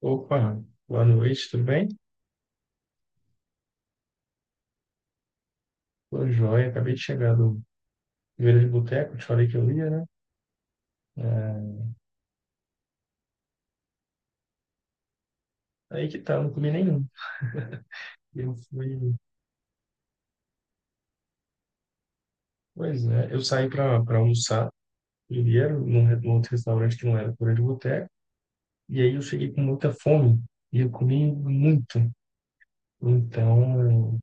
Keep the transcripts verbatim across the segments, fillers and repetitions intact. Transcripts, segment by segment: Opa, boa noite, tudo bem? Tô joia, acabei de chegar do Feira de Boteco, te falei que eu ia, né? É, aí que tá, eu não comi nenhum. Eu fui. Pois é, eu saí pra, pra almoçar primeiro num, re- num outro restaurante que não era Feira de Boteco, e aí eu cheguei com muita fome e eu comi muito. Então,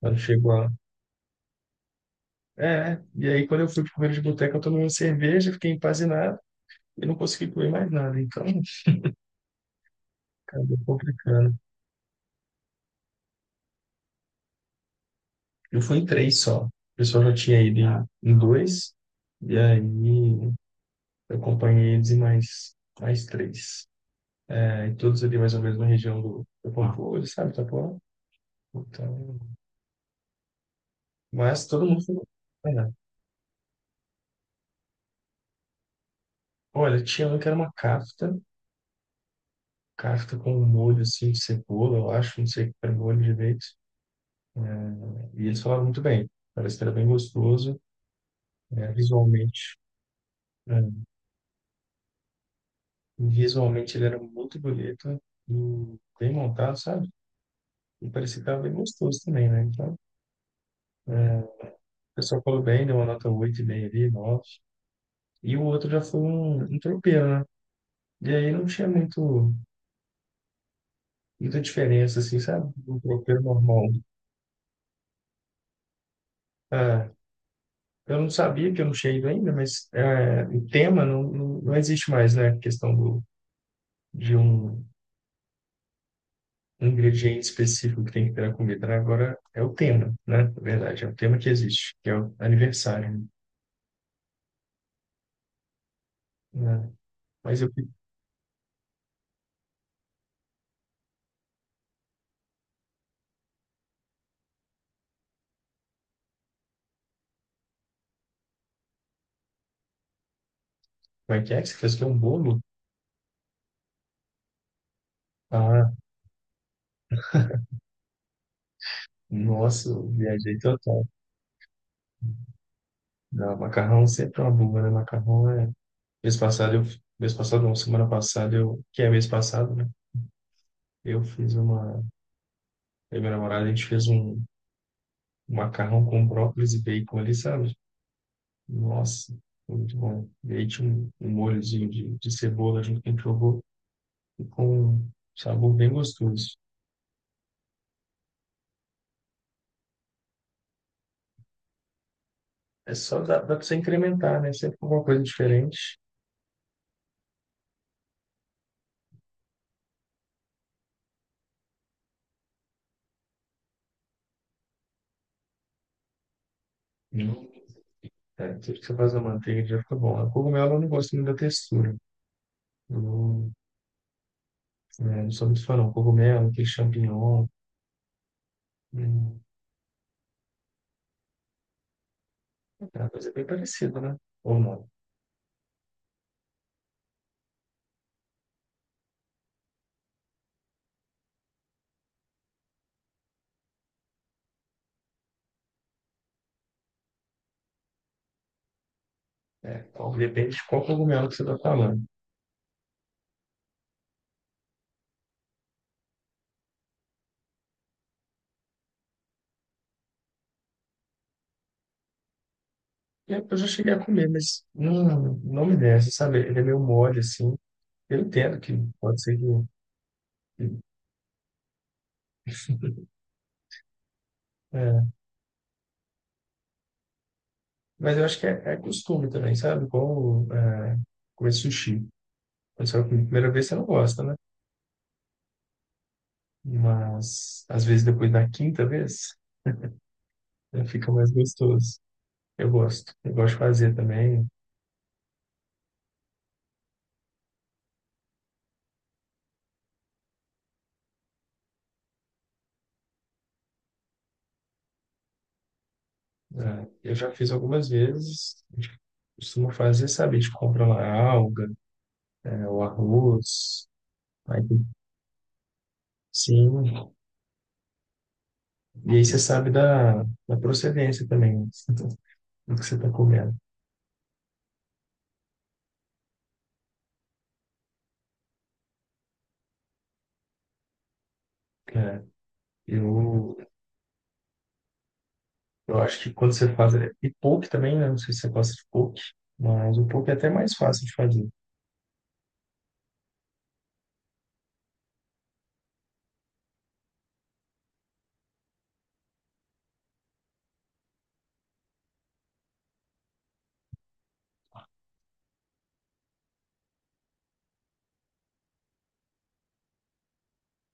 quando chegou lá. É, e aí quando eu fui pro Feira de Boteco, eu tomei uma cerveja, fiquei empanzinado e não consegui comer mais nada. Então, acabou complicando. Eu fui em três só. O pessoal já tinha ido em, em dois, e aí eu acompanhei eles em mais, mais três. É, e todos ali mais ou menos na região do, do sabe, Itapuã? Então, mas todo mundo foi. É. Olha, tinha um que era uma kafta, kafta com um molho assim de cebola, eu acho, não sei o que era o molho direito. E eles falaram muito bem, parece que era bem gostoso, é, visualmente. É, visualmente ele era muito bonito e bem montado, sabe? E parecia que tava bem gostoso também, né? Então, é, o pessoal falou bem, deu uma nota oito vírgula cinco ali, nove. E o outro já foi um, um tropeiro, né? E aí não tinha muito, muita diferença, assim, sabe? Um tropeiro normal. Ah, eu não sabia que eu não tinha ido ainda, mas é, o tema não, não, não existe mais, né? A questão do, de um ingrediente específico que tem que ter na comida, né? Agora é o tema, né? Na verdade, é o tema que existe, que é o aniversário, né? Mas eu... Como é que é? Que Você fez que é um bolo? Ah, nossa, eu viajei total. Não, macarrão sempre é uma bomba, né? Macarrão é. Mês passado, eu... mês passado, não, semana passada, eu... que é mês passado, né? Eu fiz uma. Eu e minha namorada, a gente fez um um macarrão com brócolis e bacon ali, sabe? Nossa, foi muito bom. E aí tinha um, um molhozinho de... de cebola junto que a gente jogou, e com um sabor bem gostoso. É só dá, dá pra você incrementar, né? Sempre com alguma coisa diferente. Hum. É, tudo que você faz na manteiga já fica bom. A cogumelo eu não gosto muito da textura. Eu não- né? Não sou muito fã, não. Cogumelo, aquele champignon. Hum, é uma coisa bem parecida, né? Ou não. É, então, depende de qual cogumelo que você está falando. E eu já cheguei a comer, mas não, não me desce, sabe? Ele é meio mole, assim. Eu entendo que pode ser que. É, mas eu acho que é, é costume também, sabe? Igual é, comer sushi. Quando você vai comer a primeira vez, você não gosta, né? Mas às vezes depois da quinta vez, né, fica mais gostoso. Eu gosto. Eu gosto de fazer também. É, eu já fiz algumas vezes. A gente costuma fazer, sabe? A gente compra lá alga, é, o arroz, aí tem- sim. E aí você sabe da, da procedência também do que você está comendo. É, eu, eu acho que quando você faz. É, e poke também, né? Não sei se você gosta de poke, mas o poke é até mais fácil de fazer.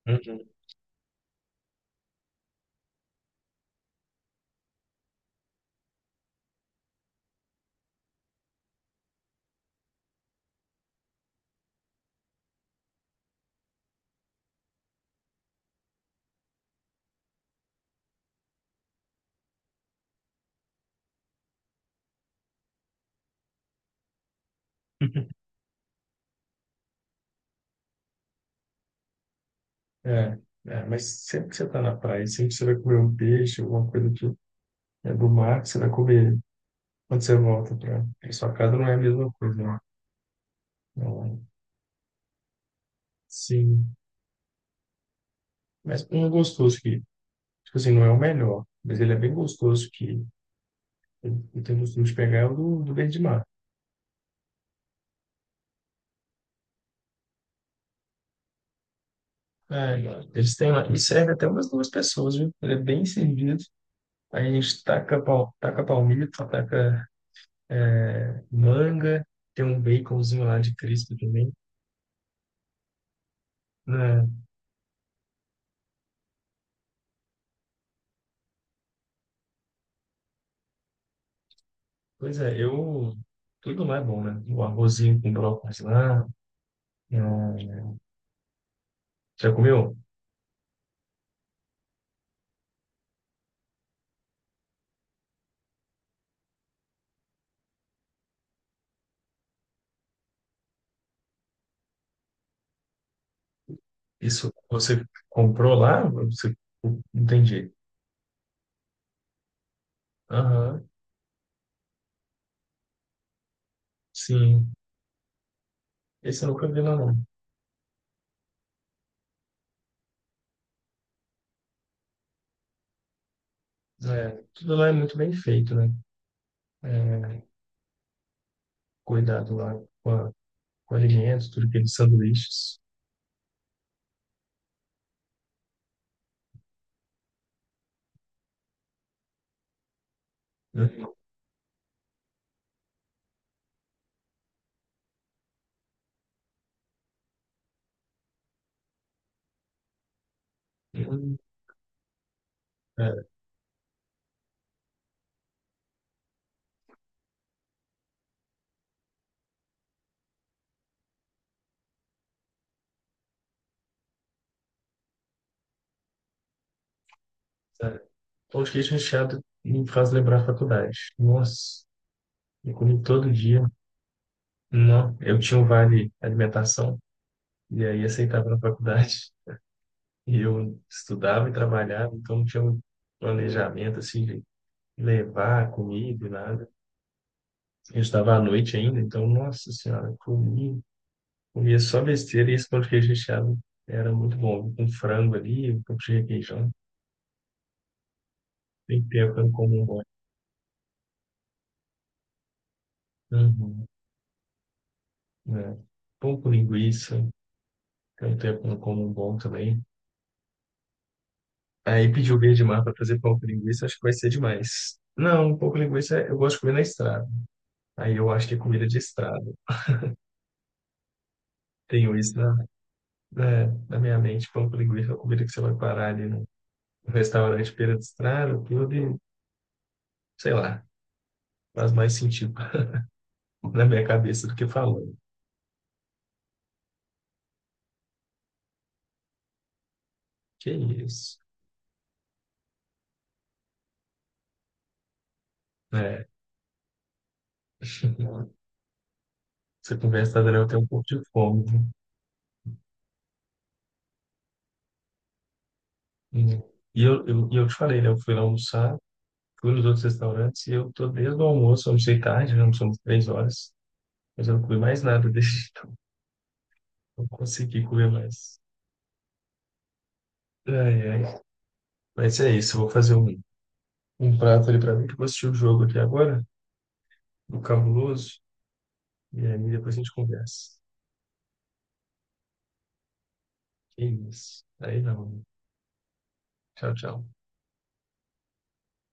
Uhum. É, é, mas sempre que você está na praia, sempre que você vai comer um peixe, alguma coisa que é do mar, que você vai comer quando você volta para sua casa, não é a mesma coisa, né? Não, sim. Mas um gostoso que, tipo assim, não é o melhor, mas ele é bem gostoso que eu eu tenho costume de pegar é o do, do verde mar. É, eles têm lá, e serve até umas duas pessoas, viu? Ele é bem servido. Aí a gente taca, pal, taca palmito, taca manga, tem um baconzinho lá de Cristo também. Né? Pois é, eu. Tudo lá é bom, né? O arrozinho com brócolis lá. É, já comeu? Isso você comprou lá? Você... não entendi. Sim, esse eu nunca vi lá não. É, tudo lá é muito bem feito, né? É, cuidado lá com, a, com alimentos, tudo aqueles sanduíches, né? Hum, é, sério. Pão de queijo recheado me faz lembrar a faculdade. Nossa, eu comi todo dia. Não, eu tinha um vale alimentação e aí aceitava na faculdade. E eu estudava e trabalhava, então não tinha um planejamento assim de levar comida, e nada. Eu estudava à noite ainda, então, nossa senhora, comi. Comia só besteira e esse pão de queijo recheado era muito bom. Com frango ali, um pouco de requeijão. Tem tempo que eu não como um bom. Uhum, né? Pão com linguiça, tem tempo que eu não como um bom também. Aí pedi o verde mar para fazer pão com linguiça, acho que vai ser demais. Não, um pouco de linguiça eu gosto de comer na estrada. Aí eu acho que é comida de estrada. Tenho isso na, na, na minha mente. Pão com linguiça é a comida que você vai parar ali no restaurante beira de estrada, tudo e, sei lá, faz mais sentido na minha cabeça do que falando. Que isso. É, essa conversa dela eu tenho um pouco de fome. Viu? E eu, eu, e eu te falei, né? Eu fui lá almoçar, fui nos outros restaurantes e eu tô desde o almoço, eu almocei tarde, já almoçamos três horas, mas eu não comi mais nada desde então. Não consegui comer mais. Ai, ai. Mas é isso, eu vou fazer um, um prato ali pra mim, que eu vou assistir o jogo aqui agora, do Cabuloso, e aí depois a gente conversa. Que isso. Aí não. Tchau, tchau.